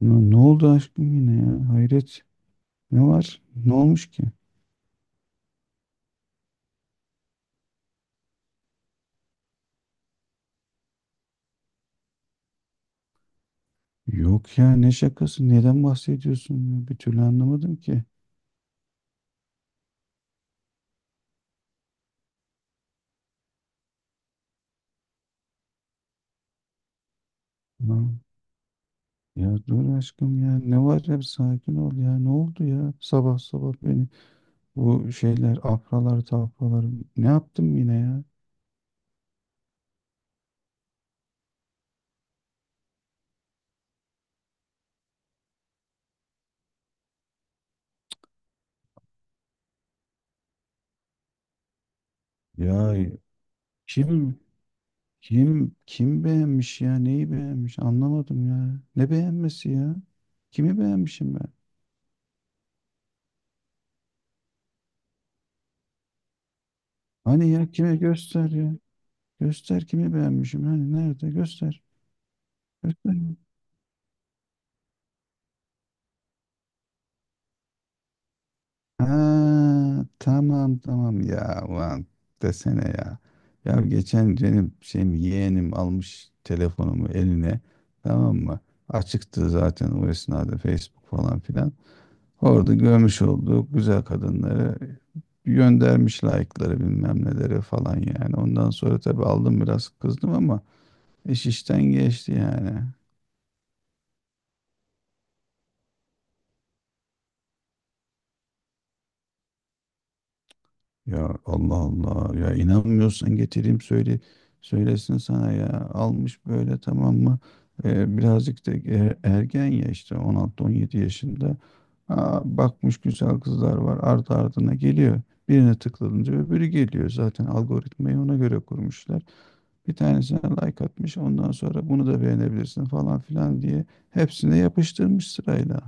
Ne oldu aşkım yine ya? Hayret. Ne var? Ne olmuş ki? Yok ya ne şakası? Neden bahsediyorsun ya? Bir türlü anlamadım ki. Ha, ya dur aşkım ya. Ne var ya? Bir sakin ol ya. Ne oldu ya? Sabah sabah beni bu şeyler afralar tafralar. Ne yaptım yine ya? Ya kim kim beğenmiş ya? Neyi beğenmiş? Anlamadım ya. Ne beğenmesi ya? Kimi beğenmişim ben? Hani ya kime göster ya? Göster kimi beğenmişim. Hani nerede? Göster. Göster. Ha, tamam tamam ya. Ulan desene ya. Ya geçen benim şeyim yeğenim almış telefonumu eline. Tamam mı? Açıktı zaten o esnada Facebook falan filan. Orada görmüş olduğu güzel kadınları göndermiş like'ları bilmem neleri falan yani. Ondan sonra tabii aldım biraz kızdım ama iş işten geçti yani. Ya Allah Allah ya inanmıyorsan getireyim söyle söylesin sana ya almış böyle tamam mı. Birazcık da ergen ya işte 16-17 yaşında. Aa, bakmış güzel kızlar var ardı ardına geliyor, birine tıklanınca öbürü geliyor, zaten algoritmayı ona göre kurmuşlar. Bir tanesine like atmış, ondan sonra bunu da beğenebilirsin falan filan diye hepsine yapıştırmış sırayla.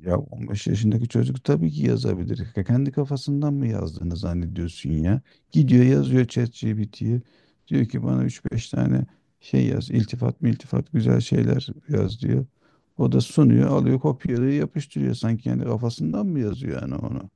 Ya 15 yaşındaki çocuk tabii ki yazabilir. Kendi kafasından mı yazdığını zannediyorsun ya? Gidiyor yazıyor ChatGPT'ye. Diyor ki bana üç beş tane şey yaz. İltifat mı iltifat, güzel şeyler yaz diyor. O da sunuyor, alıyor, kopyalıyor, yapıştırıyor. Sanki kendi kafasından mı yazıyor yani onu?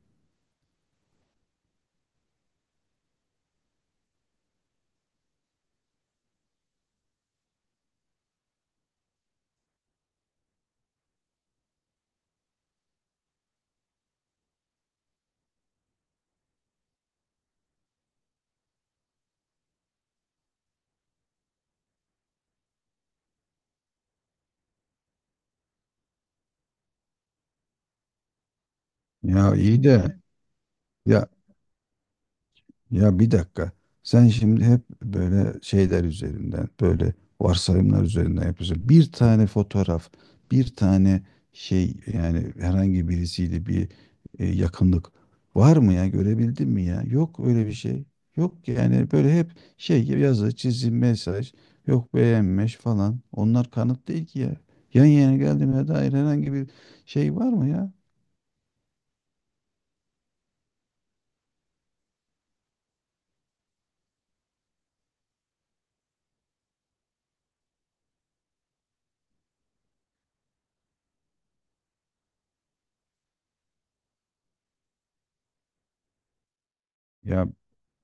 Ya iyi de ya. Ya bir dakika. Sen şimdi hep böyle şeyler üzerinden, böyle varsayımlar üzerinden yapıyorsun. Bir tane fotoğraf, bir tane şey, yani herhangi birisiyle bir yakınlık var mı ya? Görebildin mi ya? Yok öyle bir şey. Yok yani, böyle hep şey gibi yazı, çizim, mesaj, yok beğenmiş falan. Onlar kanıt değil ki ya. Yan yana geldiğime dair herhangi bir şey var mı ya? Ya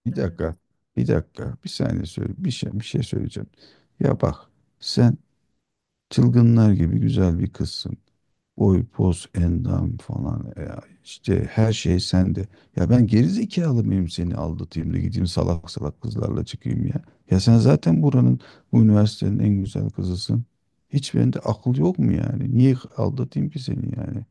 bir dakika. Bir dakika. Bir saniye söyle. Bir şey söyleyeceğim. Ya bak. Sen çılgınlar gibi güzel bir kızsın. Boy, poz, endam falan. Ya işte her şey sende. Ya ben gerizekalı mıyım seni aldatayım da gideyim salak salak kızlarla çıkayım ya? Ya sen zaten buranın, bu üniversitenin en güzel kızısın. Hiç bende akıl yok mu yani? Niye aldatayım ki seni yani?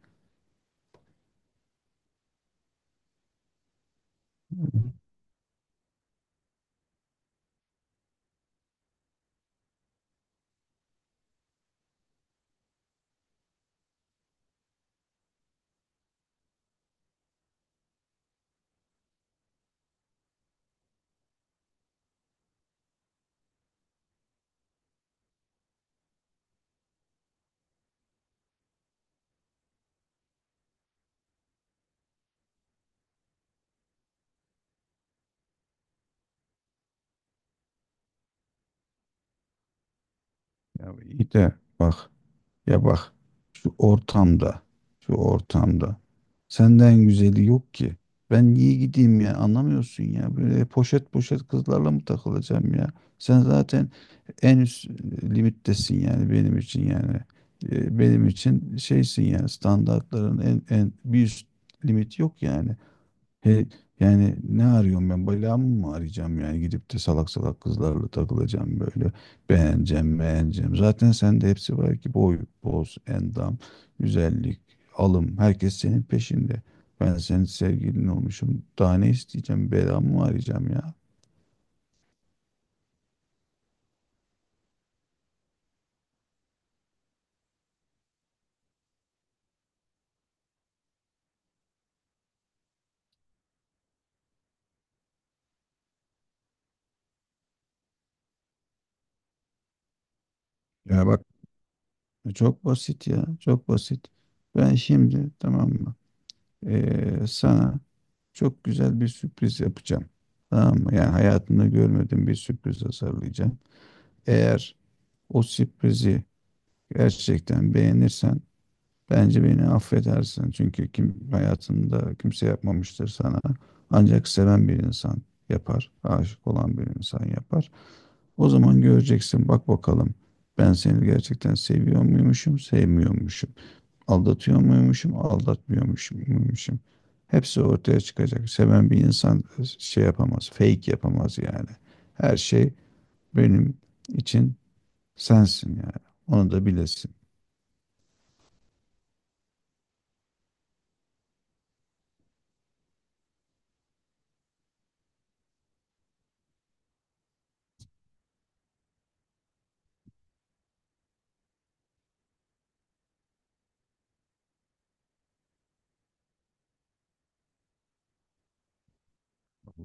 Ya iyi de bak. Ya bak, şu ortamda, şu ortamda senden güzeli yok ki. Ben niye gideyim ya, anlamıyorsun ya. Böyle poşet poşet kızlarla mı takılacağım ya? Sen zaten en üst limittesin yani, benim için yani. Benim için şeysin yani, standartların en bir üst limit yok yani. He, yani ne arıyorum ben? Belamı mı arayacağım yani? Gidip de salak salak kızlarla takılacağım böyle. Beğeneceğim, beğeneceğim. Zaten sende hepsi var ki; boy, boz, endam, güzellik, alım. Herkes senin peşinde. Ben senin sevgilin olmuşum. Daha ne isteyeceğim? Belamı mı arayacağım ya? Ya bak, çok basit ya, çok basit. Ben şimdi, tamam mı, sana çok güzel bir sürpriz yapacağım. Tamam mı? Yani hayatımda görmediğim bir sürpriz hazırlayacağım. Eğer o sürprizi gerçekten beğenirsen bence beni affedersin. Çünkü kim hayatında kimse yapmamıştır sana. Ancak seven bir insan yapar. Aşık olan bir insan yapar. O zaman göreceksin bak bakalım. Ben seni gerçekten seviyor muymuşum, sevmiyormuşum. Aldatıyor muymuşum, aldatmıyormuşum. Hepsi ortaya çıkacak. Seven bir insan şey yapamaz, fake yapamaz yani. Her şey benim için sensin yani. Onu da bilesin.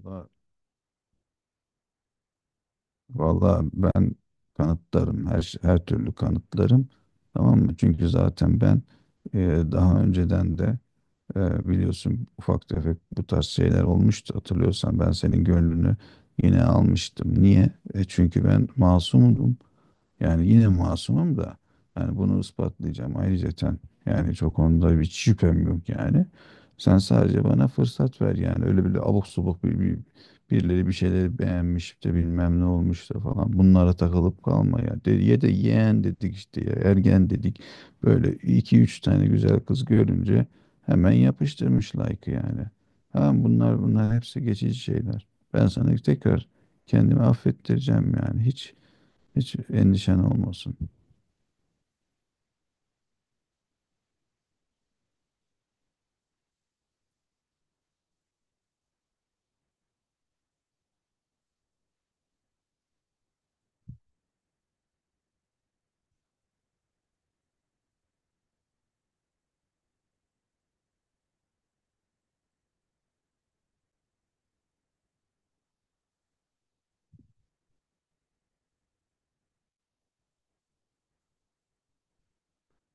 Valla valla ben kanıtlarım, her türlü kanıtlarım, tamam mı? Çünkü zaten ben, e, daha önceden de biliyorsun, ufak tefek bu tarz şeyler olmuştu, hatırlıyorsan ben senin gönlünü yine almıştım. Niye? Çünkü ben masumum. Yani yine masumum da, yani bunu ispatlayacağım ayrıyeten. Yani çok onda bir şüphem yok yani. Sen sadece bana fırsat ver yani. Öyle böyle abuk subuk birileri bir şeyleri beğenmiş de, bilmem ne olmuş da falan. Bunlara takılıp kalma ya. De, ye de yeğen dedik işte ya, ergen dedik. Böyle iki üç tane güzel kız görünce hemen yapıştırmış like'ı yani. Tamam, bunlar hepsi geçici şeyler. Ben sana tekrar kendimi affettireceğim yani. Hiç hiç endişen olmasın.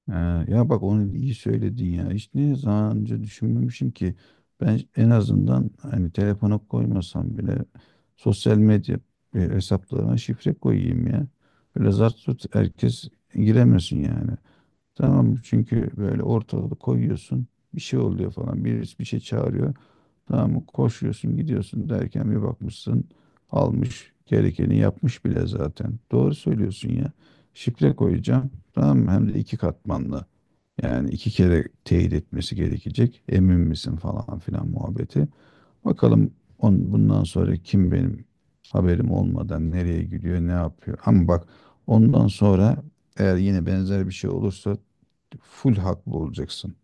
Ee, Ya bak, onu iyi söyledin ya. Hiç ne zaman önce düşünmemişim ki. Ben en azından hani telefona koymasam bile sosyal medya hesaplarına şifre koyayım ya. Böyle zart tut herkes giremesin yani. Tamam mı? Çünkü böyle ortalığı koyuyorsun. Bir şey oluyor falan. Birisi bir şey çağırıyor. Tamam mı? Koşuyorsun gidiyorsun, derken bir bakmışsın almış gerekeni yapmış bile zaten. Doğru söylüyorsun ya. Şifre koyacağım. Tamam mı? Hem de iki katmanlı. Yani iki kere teyit etmesi gerekecek. Emin misin falan filan muhabbeti. Bakalım, bundan sonra kim benim haberim olmadan nereye gidiyor, ne yapıyor. Ama bak, ondan sonra eğer yine benzer bir şey olursa full haklı olacaksın.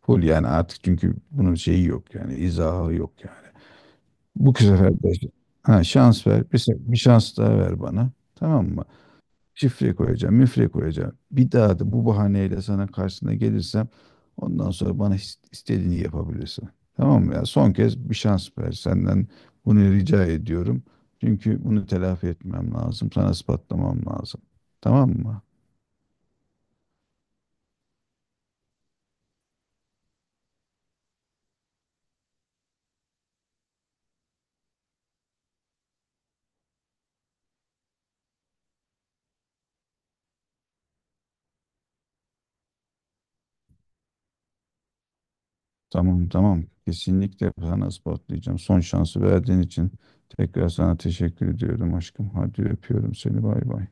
Full yani artık, çünkü bunun şeyi yok yani, izahı yok yani. Bu sefer de, ha, şans ver. Bir şans daha ver bana. Tamam mı? Şifre koyacağım, müfre koyacağım. Bir daha da bu bahaneyle sana karşısına gelirsem ondan sonra bana istediğini yapabilirsin. Tamam mı ya? Son kez bir şans ver. Senden bunu rica ediyorum. Çünkü bunu telafi etmem lazım. Sana ispatlamam lazım. Tamam mı? Tamam tamam. Kesinlikle sana ispatlayacağım. Son şansı verdiğin için tekrar sana teşekkür ediyorum aşkım. Hadi öpüyorum seni. Bay bay.